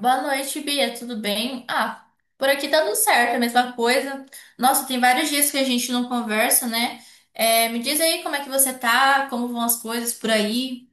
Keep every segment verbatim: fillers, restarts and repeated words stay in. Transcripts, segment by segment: Boa noite, Bia, tudo bem? Ah, por aqui tá tudo certo, a mesma coisa. Nossa, tem vários dias que a gente não conversa, né? É, me diz aí como é que você tá, como vão as coisas por aí.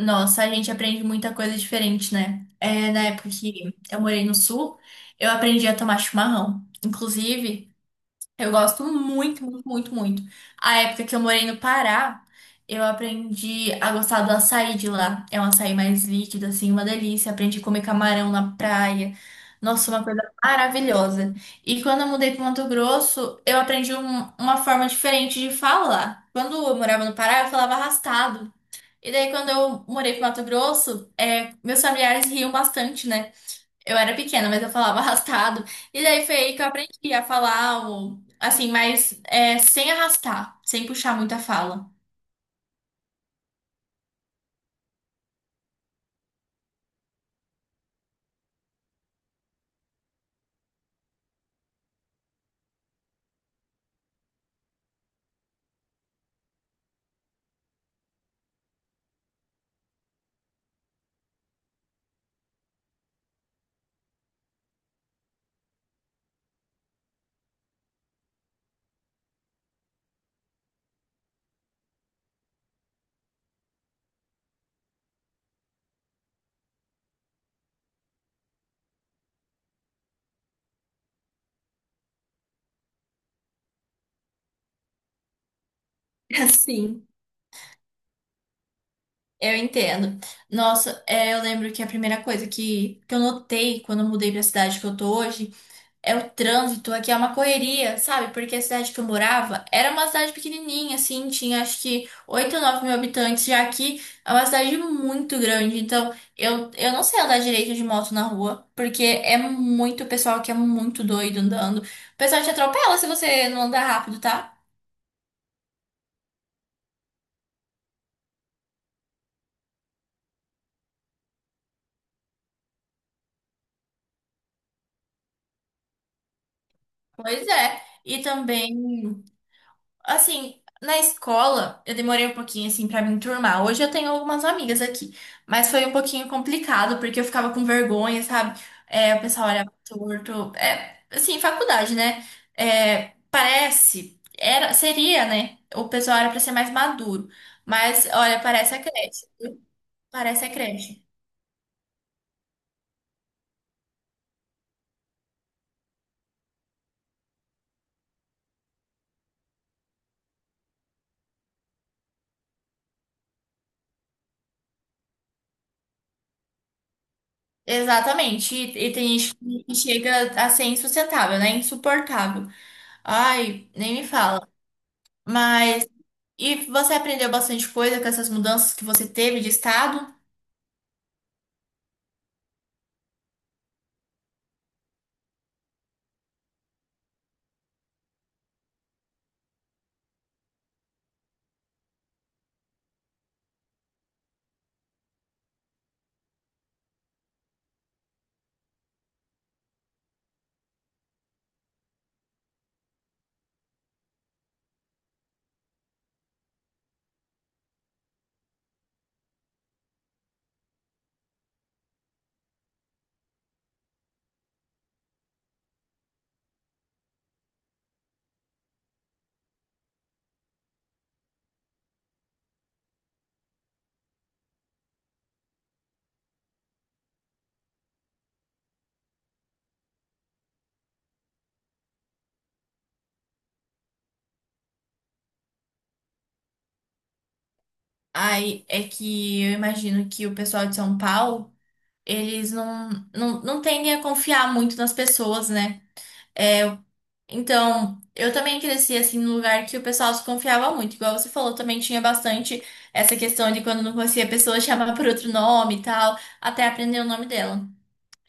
Nossa, a gente aprende muita coisa diferente, né? É, na época que eu morei no sul, eu aprendi a tomar chimarrão. Inclusive, Eu gosto muito, muito, muito, muito. A época que eu morei no Pará, eu aprendi a gostar do açaí de lá. É um açaí mais líquido, assim, uma delícia. Aprendi a comer camarão na praia. Nossa, uma coisa maravilhosa. E quando eu mudei para Mato Grosso, eu aprendi um- uma forma diferente de falar. Quando eu morava no Pará, eu falava arrastado. E daí, quando eu morei para Mato Grosso, é, meus familiares riam bastante, né? Eu era pequena, mas eu falava arrastado. E daí foi aí que eu aprendi a falar, o, assim, mas é, sem arrastar, sem puxar muito a fala. Sim. Eu entendo. Nossa, é, eu lembro que a primeira coisa que, que eu notei quando eu mudei pra cidade que eu tô hoje. É o trânsito aqui, é uma correria, sabe? Porque a cidade que eu morava era uma cidade pequenininha, assim, tinha acho que oito ou nove mil habitantes, já aqui é uma cidade muito grande, então eu, eu não sei andar direito de moto na rua, porque é muito pessoal que é muito doido andando. O pessoal te atropela se você não andar rápido, tá? Pois é. E também. Assim, na escola, eu demorei um pouquinho, assim, pra me enturmar. Hoje eu tenho algumas amigas aqui, mas foi um pouquinho complicado, porque eu ficava com vergonha, sabe? É, o pessoal olhava torto. É, assim, faculdade, né? É, parece, era, seria, né? O pessoal era pra ser mais maduro. Mas, olha, parece a creche. Parece a creche. Exatamente. E, e tem gente que chega a ser insustentável, né? Insuportável. Ai, nem me fala. Mas. E você aprendeu bastante coisa com essas mudanças que você teve de estado? Aí é que eu imagino que o pessoal de São Paulo, eles não, não, não tendem a confiar muito nas pessoas, né? É, então, eu também cresci assim num lugar que o pessoal se confiava muito. Igual você falou, também tinha bastante essa questão de quando não conhecia a pessoa chamar por outro nome e tal, até aprender o nome dela.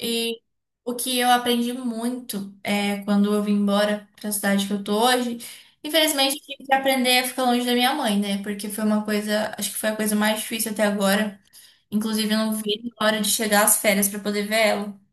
E o que eu aprendi muito é quando eu vim embora para a cidade que eu tô hoje. Infelizmente, eu tive que aprender a ficar longe da minha mãe, né? Porque foi uma coisa, acho que foi a coisa mais difícil até agora. Inclusive, eu não vi a hora de chegar às férias para poder ver ela.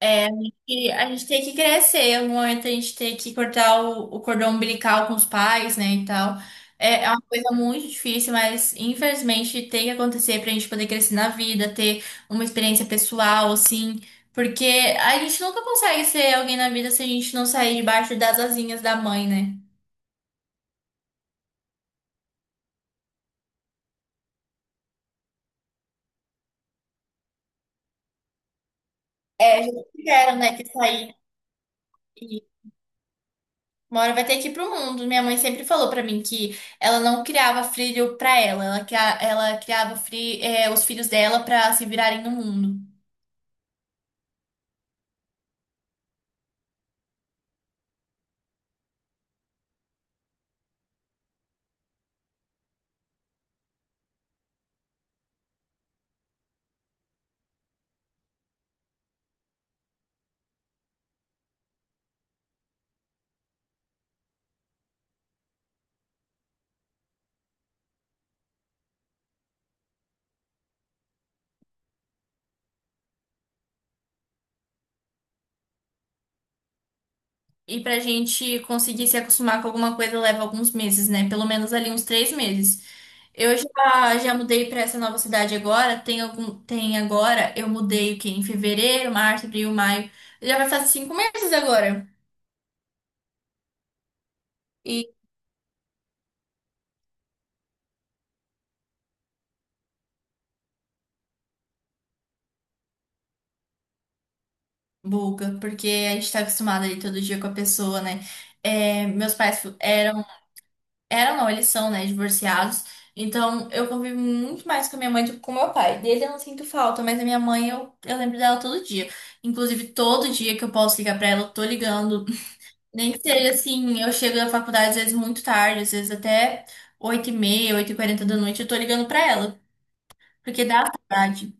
É, a gente, a gente tem que crescer, um momento a gente tem que cortar o, o cordão umbilical com os pais, né, e tal. É, é uma coisa muito difícil, mas infelizmente tem que acontecer pra gente poder crescer na vida, ter uma experiência pessoal, assim, porque a gente nunca consegue ser alguém na vida se a gente não sair debaixo das asinhas da mãe, né? É, já tiveram, né, que sair. Uma hora vai ter que ir pro mundo. Minha mãe sempre falou pra mim que ela não criava filho pra ela, ela, cria- ela criava fri- é, os filhos dela pra se virarem no mundo. E pra gente conseguir se acostumar com alguma coisa leva alguns meses, né? Pelo menos ali uns três meses. Eu já, já mudei pra essa nova cidade agora. Tem algum, tem agora, eu mudei o quê? Em fevereiro, março, abril, maio. Já vai fazer cinco meses agora. E buga, porque a gente tá acostumado ali todo dia com a pessoa, né? É, meus pais fu- eram. Eram, não, eles são, né, divorciados. Então, eu convivo muito mais com a minha mãe do que com o meu pai. Dele eu não sinto falta, mas a minha mãe eu, eu lembro dela todo dia. Inclusive, todo dia que eu posso ligar pra ela, eu tô ligando. Nem que seja assim, eu chego da faculdade às vezes muito tarde, às vezes até oito e meia oito e quarenta da noite, eu tô ligando pra ela. Porque dá saudade.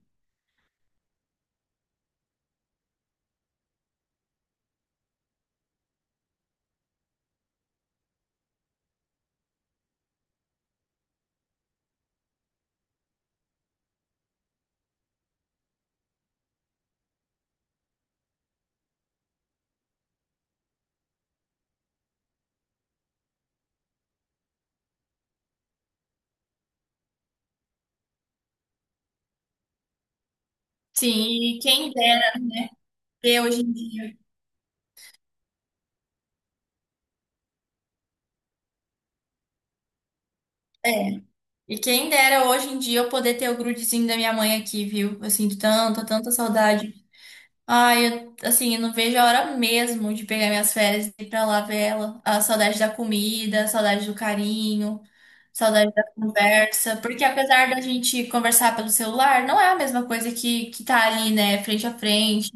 Sim, e quem dera ter hoje em dia. É. E quem dera hoje em dia eu poder ter o grudezinho da minha mãe aqui, viu? Eu sinto tanta, tanta saudade. Ai, eu, assim, eu não vejo a hora mesmo de pegar minhas férias e ir pra lá ver ela. A saudade da comida, a saudade do carinho, saudade da conversa. Porque apesar da gente conversar pelo celular, não é a mesma coisa que, que tá ali, né, frente a frente.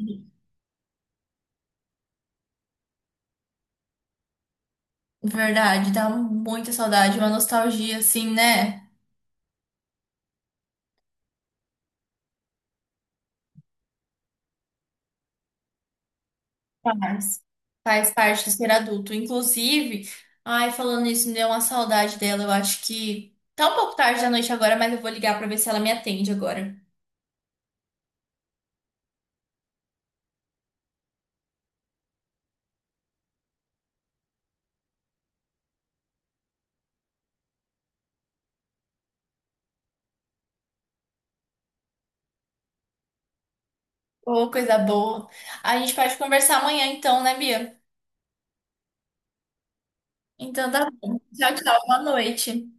Verdade, dá muita saudade, uma nostalgia, assim, né? Faz. Faz parte de ser adulto. Inclusive, ai, falando isso, me deu uma saudade dela. Eu acho que tá um pouco tarde da noite agora, mas eu vou ligar pra ver se ela me atende agora. Ô, coisa boa. A gente pode conversar amanhã, então, né, Bia? Então, tá bom. Tchau, tchau. Boa noite.